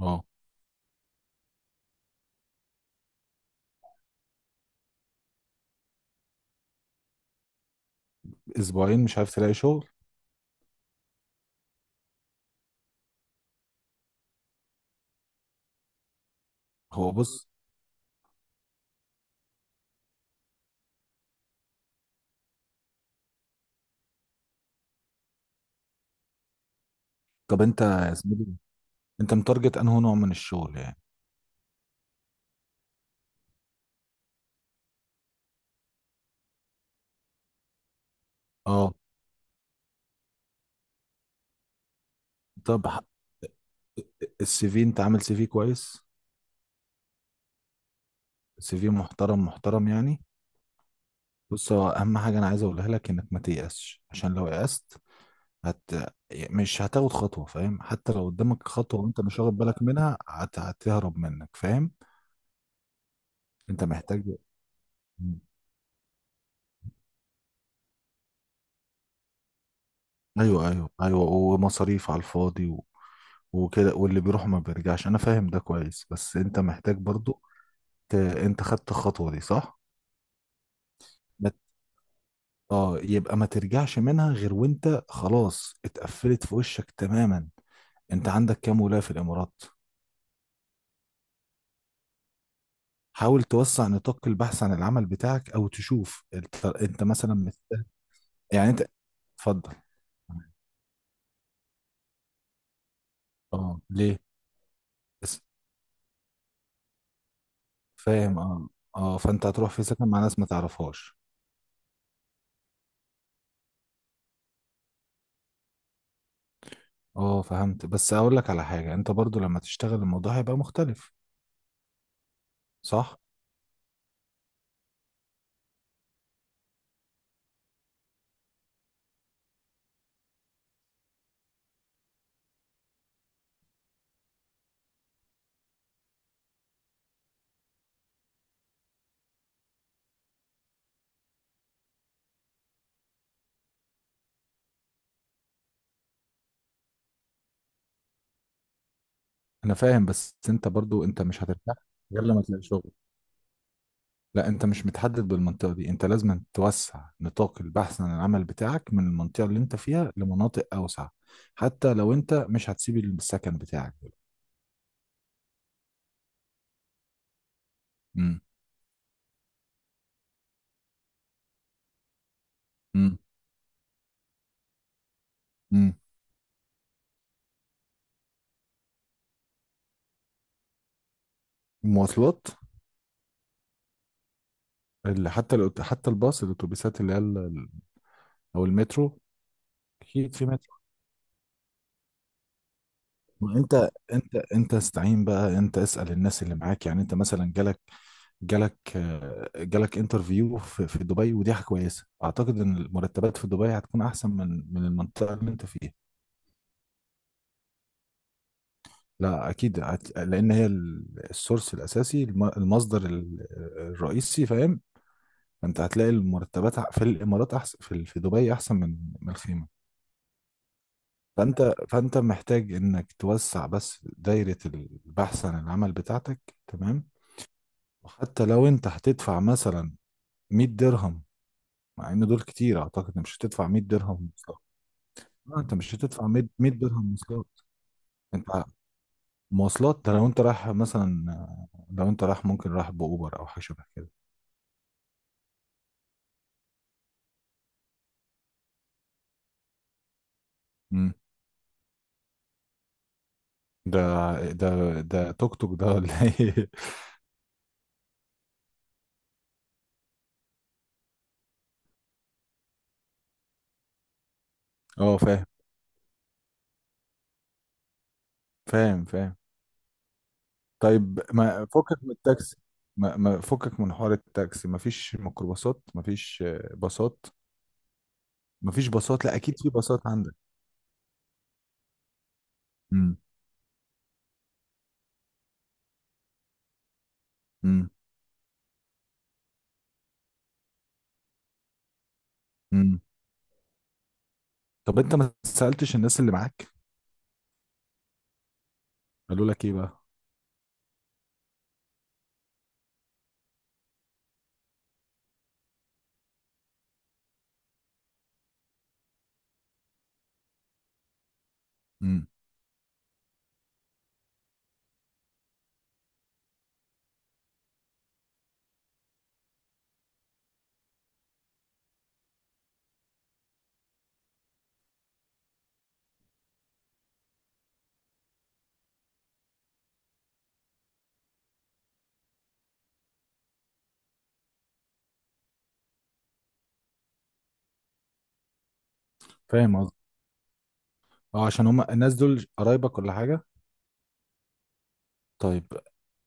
اه اسبوعين مش عارف تلاقي شغل؟ هو بص. طب انت يا زميلي، انت متارجت انه نوع من الشغل يعني. اه. طب السي في، انت عامل سي في كويس؟ سي في محترم محترم يعني. بص، هو اهم حاجه انا عايز اقولها لك انك ما تيأسش، عشان لو يأست هت مش هتاخد خطوه، فاهم؟ حتى لو قدامك خطوه وانت مش واخد بالك منها هتهرب منك، فاهم؟ انت محتاج. مم. ايوه ايوه ايوه، ومصاريف على الفاضي وكده، واللي بيروح ما بيرجعش. انا فاهم ده كويس، بس انت محتاج برضو انت خدت الخطوة دي صح. ما ت- اه، يبقى ما ترجعش منها غير وانت خلاص اتقفلت في وشك تماما. انت عندك كام ولاية في الامارات؟ حاول توسع نطاق البحث عن العمل بتاعك، او تشوف انت مثلا مستاهل. يعني انت، اتفضل. اه ليه. بس فاهم، اه. اه، فانت هتروح في سكن مع ناس ما تعرفهاش. اه فهمت، بس اقول لك على حاجة، انت برضو لما تشتغل الموضوع هيبقى مختلف. صح. انا فاهم، بس انت برضو انت مش هترتاح غير لما تلاقي شغل. لا، انت مش متحدد بالمنطقه دي، انت لازم توسع نطاق البحث عن العمل بتاعك من المنطقه اللي انت فيها لمناطق اوسع، حتى لو انت مش هتسيب السكن بتاعك. امم. امم. امم. المواصلات اللي حتى الباص، الاتوبيسات اللي هي او المترو. اكيد في مترو. وانت انت انت استعين بقى، انت اسال الناس اللي معاك. يعني انت مثلا جالك انترفيو في دبي، ودي حاجه كويسه. اعتقد ان المرتبات في دبي هتكون احسن من المنطقه اللي انت فيها. لا اكيد لان هي السورس الاساسي، المصدر الرئيسي، فاهم؟ فانت هتلاقي المرتبات في الامارات احسن، في في دبي احسن من الخيمه. فانت محتاج انك توسع بس دايره البحث عن العمل بتاعتك. تمام. وحتى لو انت هتدفع مثلا 100 درهم، مع ان دول كتير، اعتقد إن مش هتدفع 100 درهم. آه، انت مش هتدفع 100 درهم مواصلات. انت، مواصلات ده لو انت رايح مثلا، آه، لو انت رايح ممكن رايح باوبر او حاجه شبه كده. امم. ده ده ده توك توك ده ولا ايه؟ اه فاهم، فاهم فاهم. طيب ما فكك من التاكسي. ما فكك من حوار التاكسي. ما فيش ميكروباصات، ما فيش آه، باصات. ما فيش باصات؟ لا اكيد في باصات عندك. امم. امم. امم. طب انت ما سالتش الناس اللي معاك؟ قالوا لك ايه بقى؟ امم. فاهم قصدي. اه، عشان هم الناس دول قرايبك ولا حاجه؟ طيب.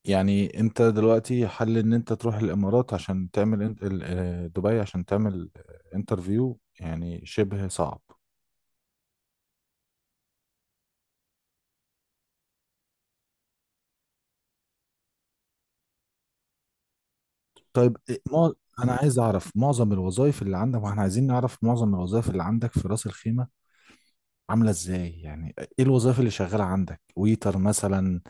يعني انت دلوقتي حل ان انت تروح الامارات عشان تعمل دبي عشان تعمل انترفيو، يعني شبه صعب. طيب ما انا عايز اعرف معظم الوظائف اللي عندك، واحنا عايزين نعرف معظم الوظائف اللي عندك في راس الخيمة عاملة ازاي. يعني ايه الوظائف اللي شغالة عندك؟ ويتر مثلا،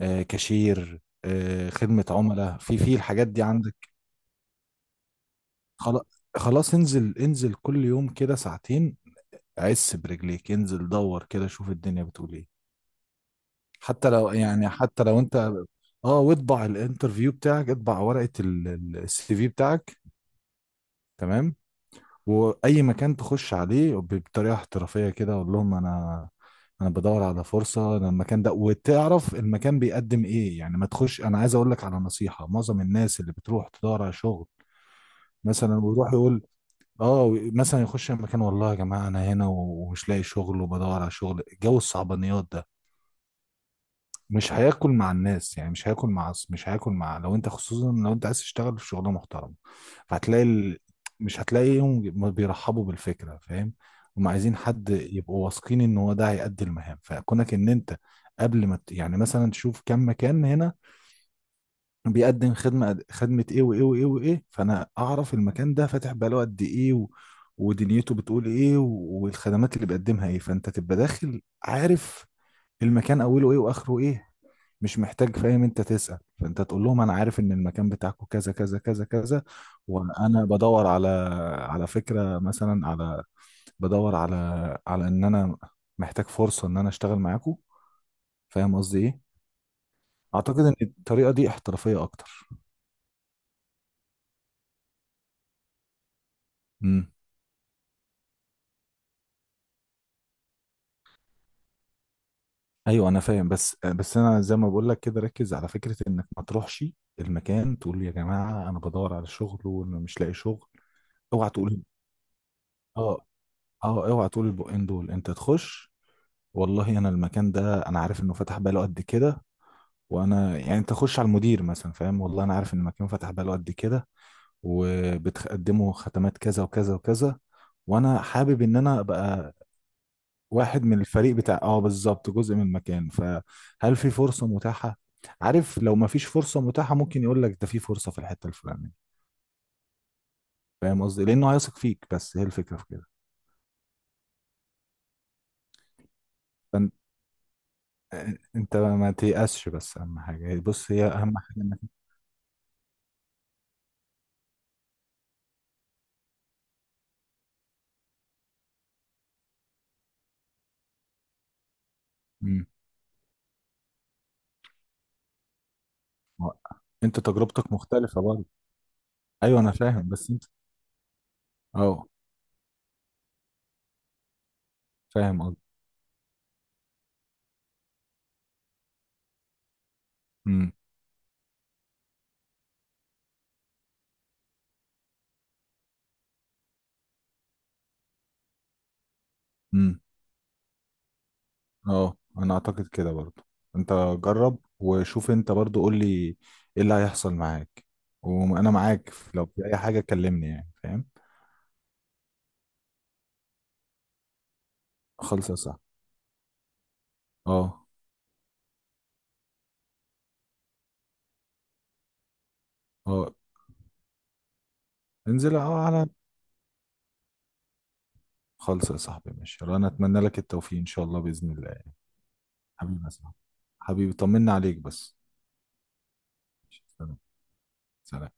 آه، كاشير، آه، خدمة عملاء، في الحاجات دي عندك. خلاص. خلاص انزل، انزل كل يوم كده ساعتين، عس برجليك، انزل دور كده، شوف الدنيا بتقول ايه. حتى لو يعني حتى لو انت، اه، واطبع الانترفيو بتاعك، اطبع ورقة السي في بتاعك. تمام. واي مكان تخش عليه بطريقة احترافية كده، اقول لهم انا، انا بدور على فرصة، أنا المكان ده، وتعرف المكان بيقدم ايه، يعني ما تخش. انا عايز اقول لك على نصيحة. معظم الناس اللي بتروح تدور على شغل مثلا، ويروح يقول اه مثلا يخش المكان، والله يا جماعة انا هنا ومش لاقي شغل وبدور على شغل، جو الصعبانيات ده مش هياكل مع الناس. يعني مش هياكل مع مش هياكل مع لو انت، خصوصا لو انت عايز تشتغل في شغلانه محترمه، فهتلاقي، ال... مش هتلاقيهم ما بيرحبوا بالفكره، فاهم؟ هم عايزين حد يبقوا واثقين ان هو ده هيأدي المهام. فكونك ان انت، قبل ما ت- يعني مثلا تشوف كم مكان هنا بيقدم خدمه، خدمه ايه وايه وايه وايه، فانا اعرف المكان ده فاتح بقاله قد ايه، و... ودنيته بتقول ايه، و... والخدمات اللي بيقدمها ايه، فانت تبقى داخل عارف المكان اوله ايه واخره ايه. مش محتاج، فاهم، انت تسأل. فانت تقول لهم انا عارف ان المكان بتاعكم كذا كذا كذا كذا، وانا بدور على، على فكرة مثلا، على، بدور على، على ان انا محتاج فرصة ان انا اشتغل معاكم، فاهم قصدي ايه. اعتقد ان الطريقة دي احترافية اكتر. امم. ايوه انا فاهم، بس انا زي ما بقول لك كده، ركز على فكرة انك ما تروحش المكان تقول يا جماعة انا بدور على شغل ومش لاقي شغل. اوعى تقول. اه. اه اوعى تقول البقين دول. انت تخش والله انا المكان ده انا عارف انه فتح بقاله قد كده، وانا يعني انت خش على المدير مثلا، فاهم، والله انا عارف ان المكان فتح بقاله قد كده وبتقدموا ختمات كذا وكذا وكذا، وانا حابب ان انا ابقى واحد من الفريق بتاع، اه بالظبط، جزء من المكان، فهل في فرصة متاحة؟ عارف، لو ما فيش فرصة متاحة ممكن يقول لك ده في فرصة في الحتة الفلانية، فاهم قصدي، لانه هيثق فيك. بس هي الفكرة في كده. فانت، انت ما تيأسش، بس اهم حاجة بص، هي اهم حاجة انك ما- انت تجربتك مختلفة برضه. ايوه انا فاهم بس انت، اه. فاهم قصدي. امم. امم. اه انا اعتقد كده برضه. انت جرب وشوف، انت برضه قول لي ايه اللي هيحصل معاك، وانا معاك لو في اي حاجة كلمني يعني، فاهم. خلص يا صاحبي. اه. اه، انزل على. خلص يا صاحبي، ماشي، انا اتمنى لك التوفيق ان شاء الله بإذن الله يعني. حبيبي يا صاحبي، حبيبي، طمنا عليك بس. سلام. سلام.